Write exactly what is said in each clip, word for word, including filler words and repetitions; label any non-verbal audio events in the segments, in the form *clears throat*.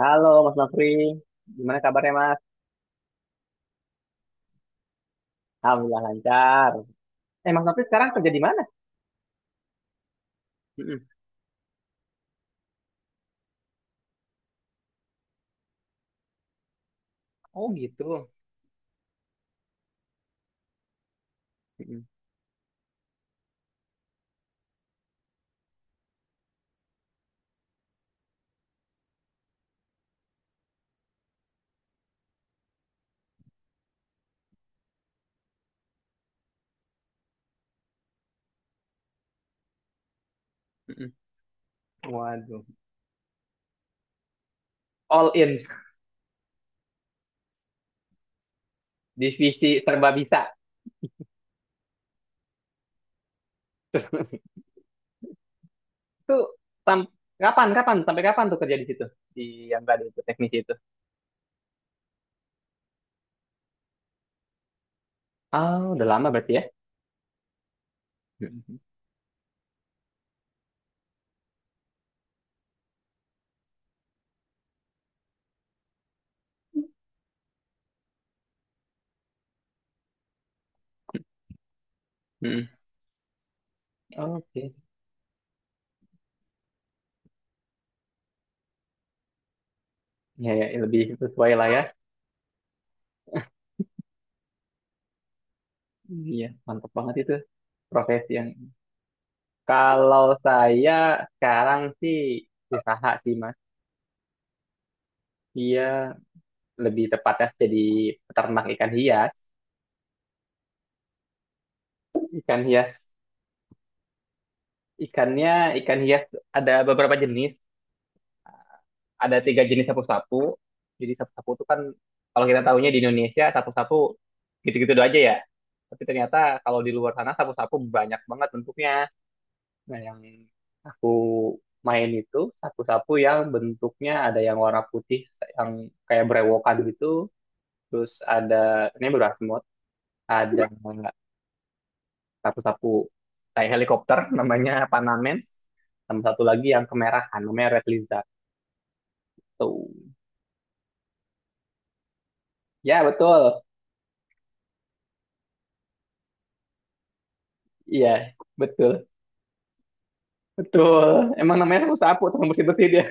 Halo Mas Nofri, gimana kabarnya Mas? Alhamdulillah lancar. Eh Mas Nofri sekarang kerja di mana? Mm-mm. Oh gitu. Mm-mm. Mm-mm. Waduh, all in, divisi serba bisa. *laughs* Itu sam- kapan kapan sampai kapan tuh kerja di situ, di yang tadi itu teknisi itu? Oh udah lama berarti ya? Mm-mm. Mm-mm. Oke. Ya, ya lebih sesuai lah ya. Iya mantap banget itu profesi yang. Kalau saya sekarang sih usaha sih Mas. Iya, lebih tepatnya jadi peternak ikan hias. Ikan hias, ikannya ikan hias ada beberapa jenis. Ada tiga jenis sapu-sapu. Jadi sapu-sapu itu kan kalau kita tahunya di Indonesia sapu-sapu gitu-gitu doang aja ya. Tapi ternyata kalau di luar sana sapu-sapu banyak banget bentuknya. Nah yang aku main itu sapu-sapu yang bentuknya ada yang warna putih, yang kayak berewokan gitu. Terus ada ini berasmut, ada sapu-sapu kayak helikopter *laughs* namanya Panamens, sama satu lagi yang kemerahan namanya Red Lizard tuh. Ya betul, iya betul betul, emang namanya sapu-sapu teman bersih-bersih dia.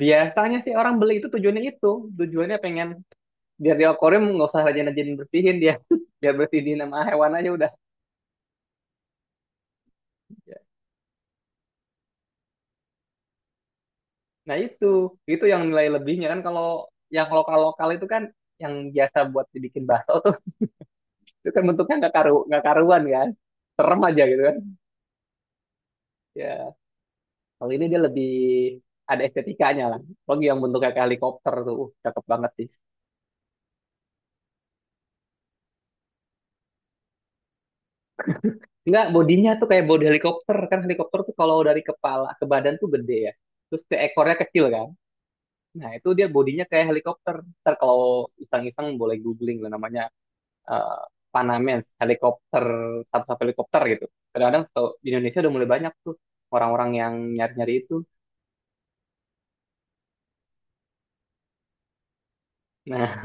Biasanya sih orang beli itu tujuannya itu, tujuannya pengen biar di akuarium nggak usah rajin-rajin bersihin dia. *laughs* Biar bersihin nama hewan aja udah. Nah itu itu yang nilai lebihnya kan. Kalau yang lokal-lokal itu kan yang biasa buat dibikin bakso tuh, itu kan bentuknya nggak karu nggak karuan kan, serem aja gitu kan. Ya. Kalau ini dia lebih ada estetikanya lah. Apalagi yang bentuknya kayak helikopter tuh, uh, cakep banget sih. Enggak, bodinya tuh kayak bodi helikopter. Kan helikopter tuh kalau dari kepala ke badan tuh gede ya. Terus ke ekornya kecil kan. Nah, itu dia bodinya kayak helikopter. Ntar kalau iseng-iseng boleh googling lah namanya, eh, Panamens, helikopter, sub-sub helikopter gitu. Kadang-kadang tau, di Indonesia udah mulai banyak tuh orang-orang yang nyari-nyari itu. Nah.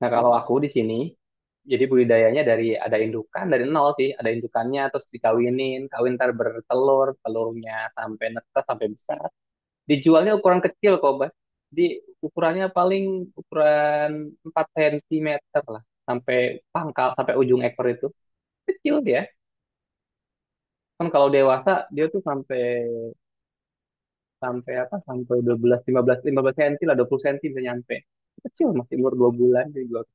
Nah, kalau aku di sini, jadi budidayanya dari ada indukan dari nol sih, ada indukannya terus dikawinin, kawin ntar bertelur, telurnya sampai netas sampai besar. Dijualnya ukuran kecil kok, Bas. Di ukurannya paling ukuran empat sentimeter lah, sampai pangkal, sampai ujung ekor itu. Kecil dia. Kan kalau dewasa dia tuh sampai sampai apa? Sampai dua belas, lima belas, lima belas senti lah, dua puluh senti bisa nyampe. Kecil masih umur dua bulan jadi dua-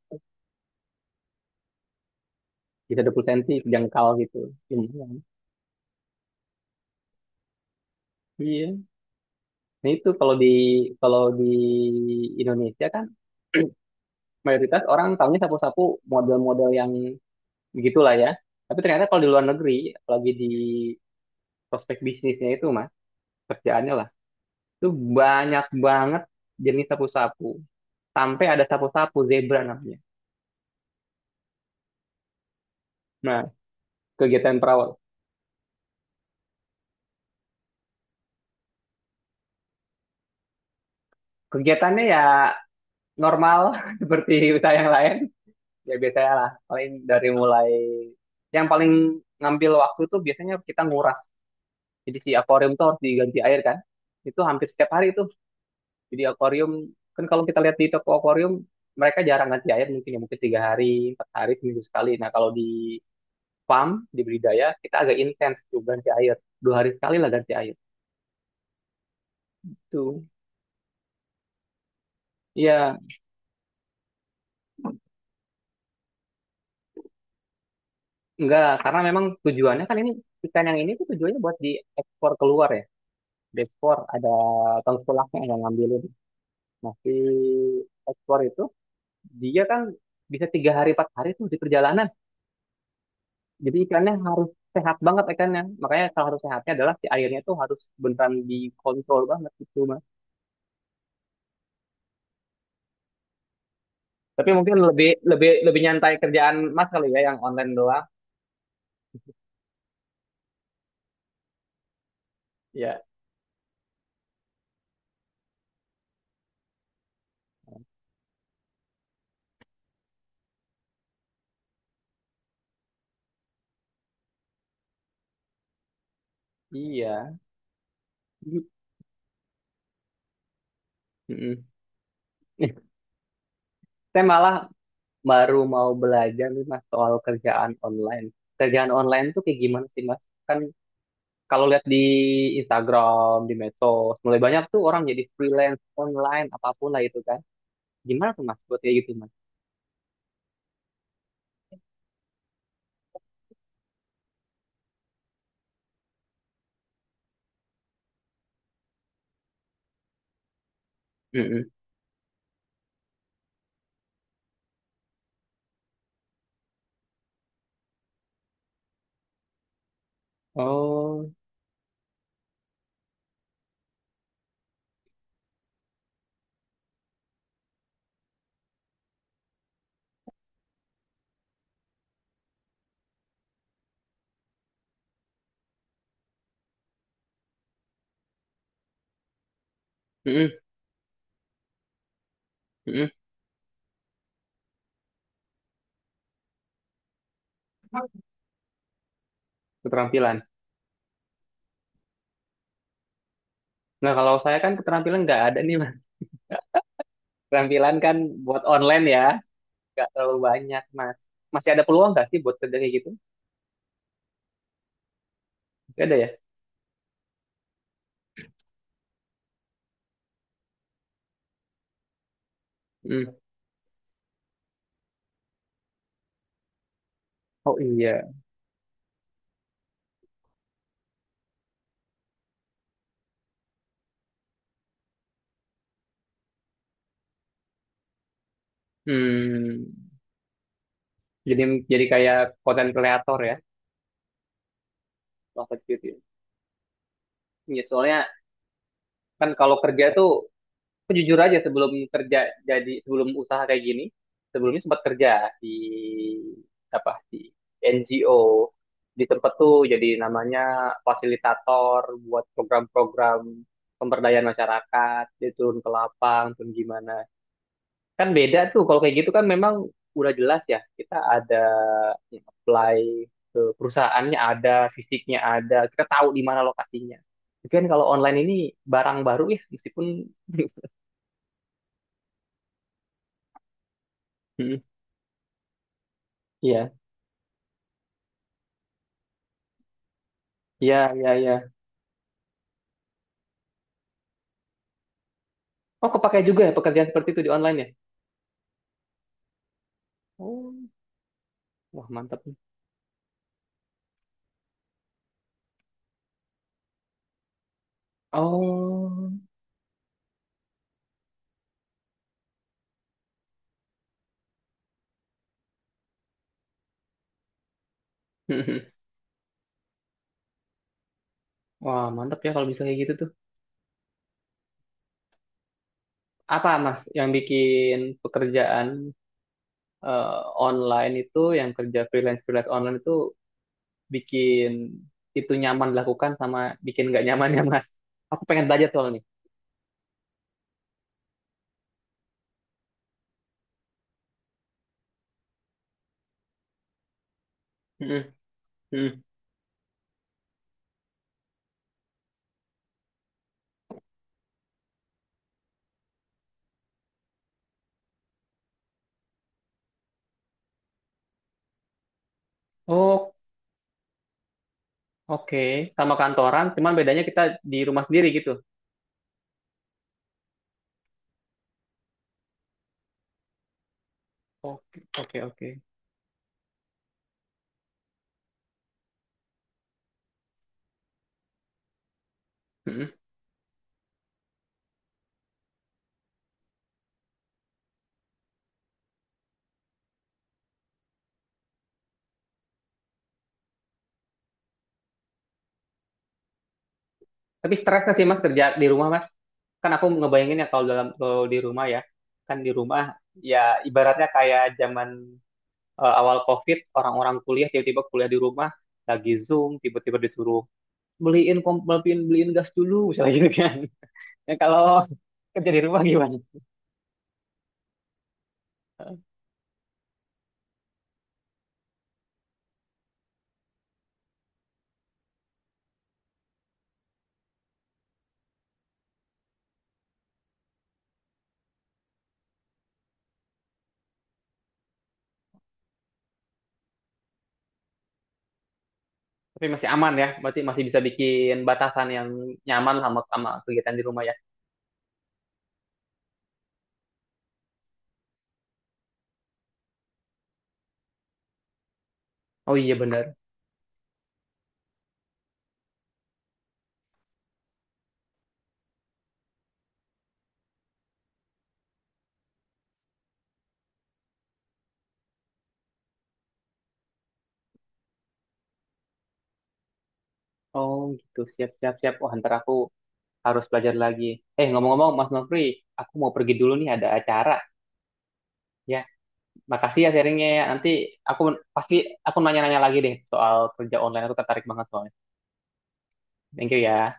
bisa dua puluh senti jengkal gitu. Lumayan. Iya. Nah itu kalau di kalau di Indonesia kan *clears throat* mayoritas orang tahunya sapu-sapu model-model yang begitulah ya. Tapi ternyata kalau di luar negeri, apalagi di prospek bisnisnya itu mas, kerjaannya lah, itu banyak banget jenis sapu-sapu. Sampai ada sapu-sapu zebra namanya. Nah, kegiatan perawat, kegiatannya ya normal *laughs* seperti usaha yang lain. Ya biasanya lah, paling dari mulai yang paling ngambil waktu tuh biasanya kita nguras. Jadi si akuarium tuh harus diganti air kan. Itu hampir setiap hari itu. Jadi akuarium kan kalau kita lihat di toko akuarium mereka jarang ganti air mungkin, ya mungkin tiga hari, empat hari, seminggu sekali. Nah kalau di farm, di budidaya kita agak intens tuh ganti air. Dua hari sekali lah ganti air. Itu. Iya, enggak, karena memang tujuannya kan ini ikan yang ini tuh tujuannya buat diekspor keluar ya. Diekspor ada tengkulaknya yang ngambilin. Nah, si ekspor itu dia kan bisa tiga hari empat hari tuh di perjalanan. Jadi ikannya harus sehat banget ikannya. Makanya salah satu sehatnya adalah si airnya tuh harus beneran dikontrol banget gitu, Mas. Tapi mungkin lebih lebih lebih nyantai kerjaan Mas kali ya yang online doang. Ya, iya. Mm-mm. *laughs* Saya malah baru mau belajar nih Mas soal kerjaan online. Kerjaan online tuh kayak gimana sih Mas? Kan kalau lihat di Instagram, di medsos, mulai banyak tuh orang jadi freelance online apapun lah itu kan. Gimana tuh Mas buat kayak gitu Mas? Mm-mm. Oh, mm-mm, mm-mm. Keterampilan. Nah, kalau saya kan keterampilan nggak ada nih, Mas. Keterampilan kan buat online ya, nggak terlalu banyak, Mas. Masih ada peluang nggak sih buat kerja kayak gitu? Nggak ada ya? Hmm. Oh iya. Hmm. Jadi jadi kayak konten kreator ya, waktu itu. Ya. Iya, soalnya kan kalau kerja tuh, aku jujur aja sebelum kerja, jadi sebelum usaha kayak gini, sebelumnya sempat kerja di apa di N G O di tempat tuh jadi namanya fasilitator buat program-program pemberdayaan masyarakat, dia turun ke lapang, turun gimana. Kan beda tuh kalau kayak gitu kan memang udah jelas ya kita ada ya, apply ke perusahaannya ada, fisiknya ada, kita tahu di mana lokasinya. Tapi kan kalau online ini barang baru ya meskipun *laughs* iya, iya, iya, iya. Oh, kepakai juga ya pekerjaan seperti itu di online ya? Oh, wah mantap nih. Oh, *laughs* wah mantap ya kalau bisa kayak gitu tuh. Apa Mas yang bikin pekerjaan eh, online itu, yang kerja freelance freelance online itu bikin itu nyaman dilakukan sama bikin nggak nyaman ya Mas? Aku pengen belajar soal ini. Mm, mm. Oh, oke. Sama kantoran, cuman bedanya kita di rumah sendiri gitu. Oke, oke, oke. Tapi stres nggak sih Mas kerja di rumah Mas? Kan aku ngebayangin ya kalau dalam kalau di rumah ya, kan di rumah ya ibaratnya kayak zaman eh, awal COVID orang-orang kuliah tiba-tiba kuliah di rumah, lagi Zoom tiba-tiba disuruh beliin kom- beliin beliin gas dulu misalnya gitu kan. *laughs* Ya kalau kerja di rumah gimana? Tapi masih aman ya, berarti masih bisa bikin batasan yang nyaman sama sama kegiatan di rumah ya. Oh iya benar. Oh gitu, siap siap siap. Wah ntar aku harus belajar lagi. Eh, ngomong-ngomong, Mas Nofri, aku mau pergi dulu nih, ada acara. Ya, makasih ya sharingnya ya. Nanti aku pasti aku nanya-nanya lagi deh soal kerja online. Aku tertarik banget soalnya. Thank you ya.